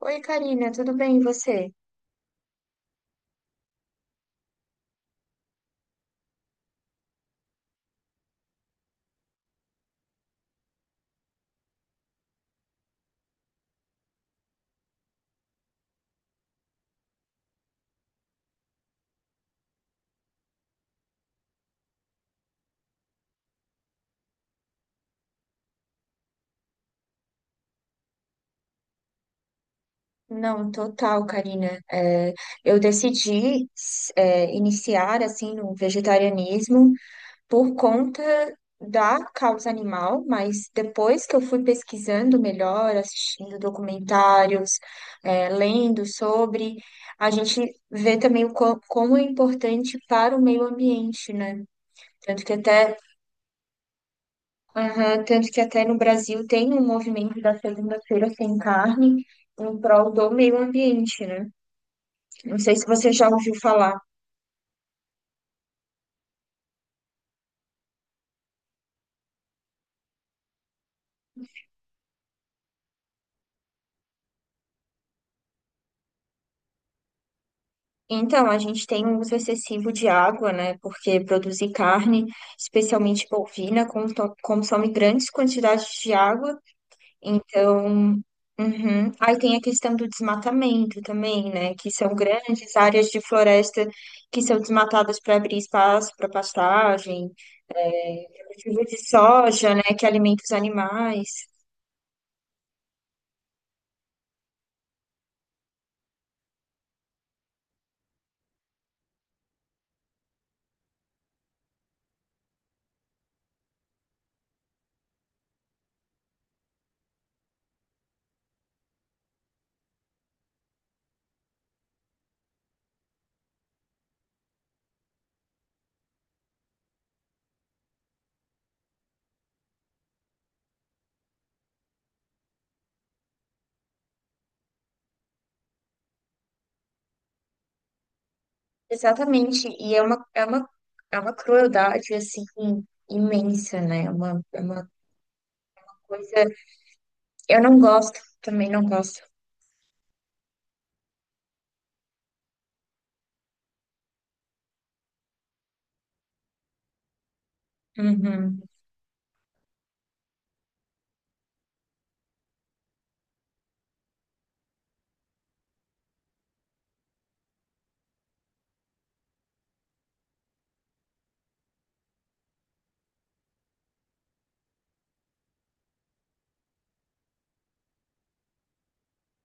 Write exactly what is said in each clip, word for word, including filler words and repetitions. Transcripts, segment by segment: Oi, Karina, tudo bem e você? Não, total, Karina. É, eu decidi s- é, iniciar assim no vegetarianismo por conta da causa animal, mas depois que eu fui pesquisando melhor, assistindo documentários, é, lendo sobre, a gente vê também o co- como é importante para o meio ambiente, né? Tanto que até Aham, tanto que até no Brasil tem um movimento da segunda-feira sem carne em prol do meio ambiente, né? Não sei se você já ouviu falar. Então, a gente tem um uso excessivo de água, né? Porque produzir carne, especialmente bovina, conto- consome grandes quantidades de água. Então, uhum. Aí tem a questão do desmatamento também, né? Que são grandes áreas de floresta que são desmatadas para abrir espaço para pastagem, cultivo de soja, né, que alimenta os animais. Exatamente, e é uma, é uma, é uma crueldade, assim, imensa, né, é uma, é uma coisa. Eu não gosto, também não gosto. Uhum,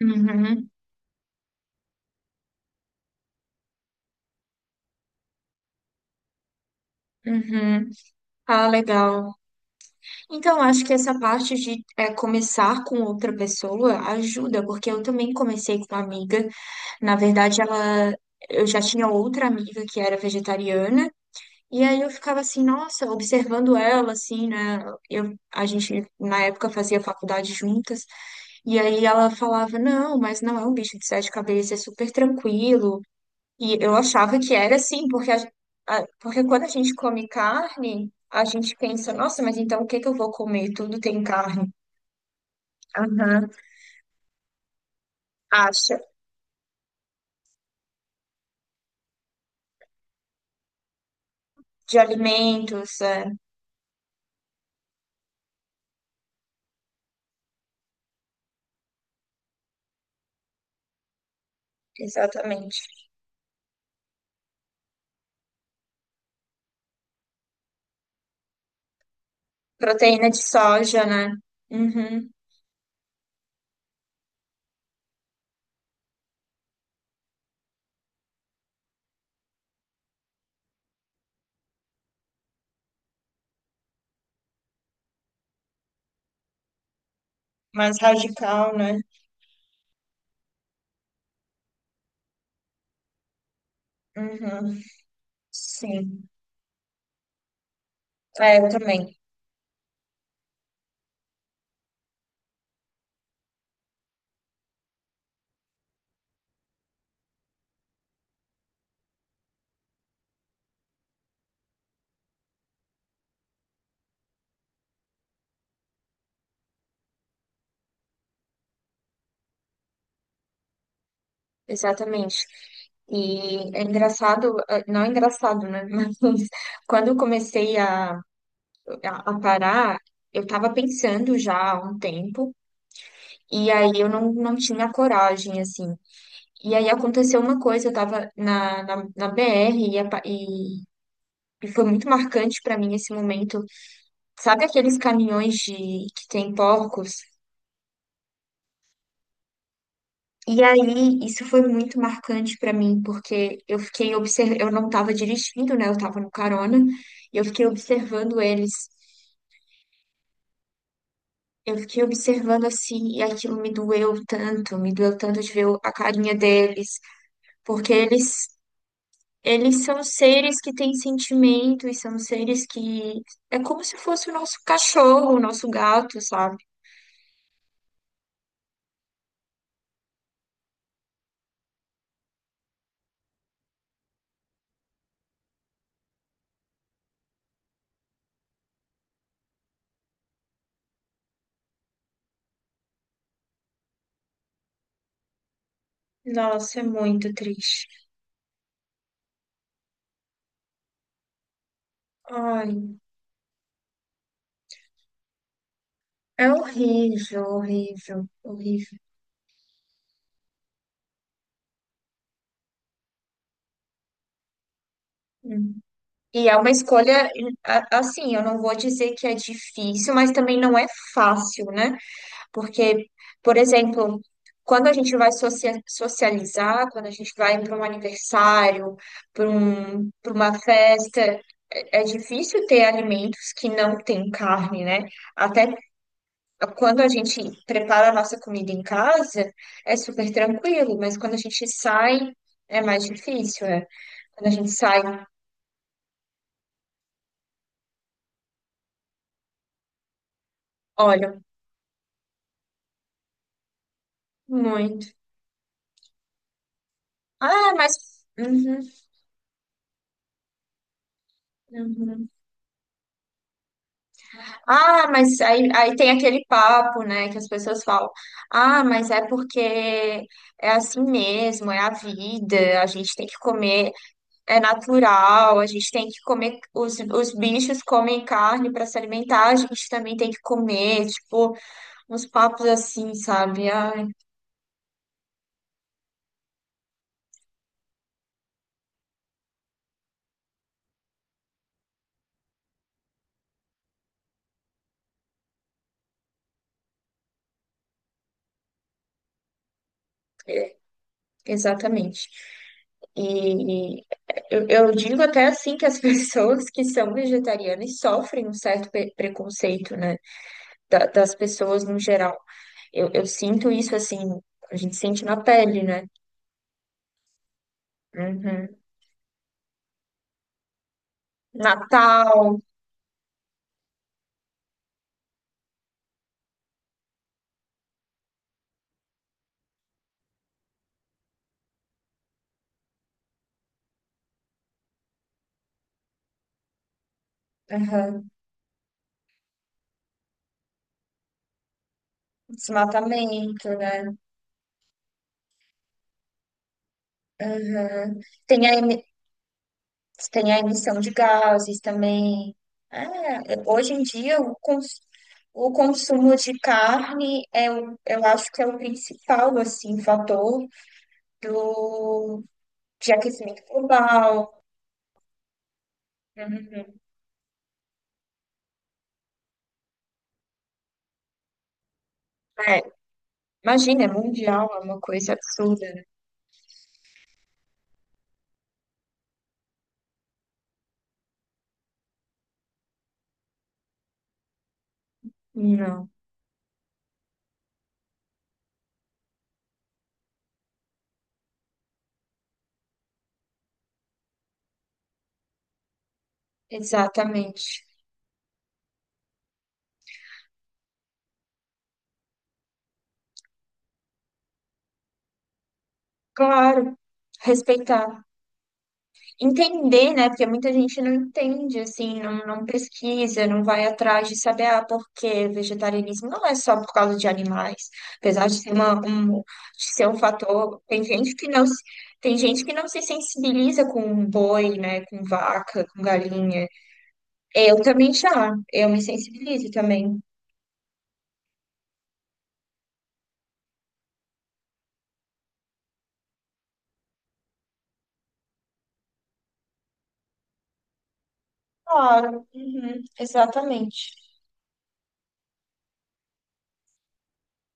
uhum, uhum. Ah, legal. Então, acho que essa parte de é, começar com outra pessoa ajuda, porque eu também comecei com uma amiga. Na verdade, ela, eu já tinha outra amiga que era vegetariana. E aí eu ficava assim, nossa, observando ela, assim, né? Eu, a gente, na época, fazia faculdade juntas. E aí ela falava, não, mas não é um bicho de sete cabeças, é super tranquilo. E eu achava que era assim, porque, a- a- porque quando a gente come carne, a gente pensa, nossa, mas então o que que eu vou comer? Tudo tem carne. Aham. Acha. De alimentos, é, exatamente. Proteína de soja, né? Uhum. Mais radical, né? Uhum. Sim. É, eu também, exatamente. E é engraçado, eh, não é engraçado, né? Mas quando eu comecei a, a, a parar, eu tava pensando já há um tempo, e aí eu não, não tinha coragem, assim. E aí aconteceu uma coisa, eu tava na, na, na B R e, a pa- e, e foi muito marcante pra mim esse momento. Sabe aqueles caminhões de, que tem porcos? E aí, isso foi muito marcante pra mim, porque eu fiquei observando, eu não tava dirigindo, né? Eu tava no carona, e eu fiquei observando eles. Eu fiquei observando assim, e aquilo me doeu tanto, me doeu tanto de ver o- a carinha deles, porque eles eles são seres que têm sentimento e são seres que é como se fosse o nosso cachorro, o nosso gato, sabe? Nossa, é muito triste. Ai, é horrível, horrível, horrível. E é uma escolha, a- assim, eu não vou dizer que é difícil, mas também não é fácil, né? Porque, por exemplo, quando a gente vai socia- socializar, quando a gente vai para um aniversário, para um, para uma festa, é é difícil ter alimentos que não têm carne, né? Até quando a gente prepara a nossa comida em casa, é super tranquilo, mas quando a gente sai, é mais difícil, é. Quando a gente sai, olha, muito. Ah, mas. Uhum, uhum. Ah, mas aí, aí tem aquele papo, né, que as pessoas falam. Ah, mas é porque é assim mesmo, é a vida, a gente tem que comer, é natural, a gente tem que comer, os, os bichos comem carne para se alimentar, a gente também tem que comer, tipo, uns papos assim, sabe? Ai, exatamente. E eu, eu digo até assim que as pessoas que são vegetarianas sofrem um certo pe- preconceito, né, da- das pessoas no geral. Eu, eu sinto isso assim, a gente sente na pele, né? Uhum. Natal, uhum. Desmatamento, né? Tem a Você tem a emissão de gases também. É, hoje em dia, o, cons- o consumo de carne é, o- eu acho que é o principal, assim, fator do, de aquecimento global. Uhum. É, imagina, é mundial, é uma coisa absurda, né? Não, exatamente. Claro, respeitar. Entender, né? Porque muita gente não entende, assim, não, não pesquisa, não vai atrás de saber, ah, por que vegetarianismo não é só por causa de animais, apesar de ser uma, um, de ser um fator, tem gente que não se, tem gente que não se sensibiliza com boi, né, com vaca, com galinha. Eu também já, eu me sensibilizo também. Claro, uhum, exatamente.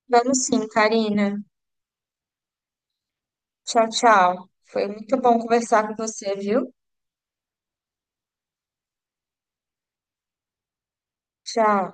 Vamos sim, Karina. Tchau, tchau. Foi muito bom conversar com você, viu? Tchau.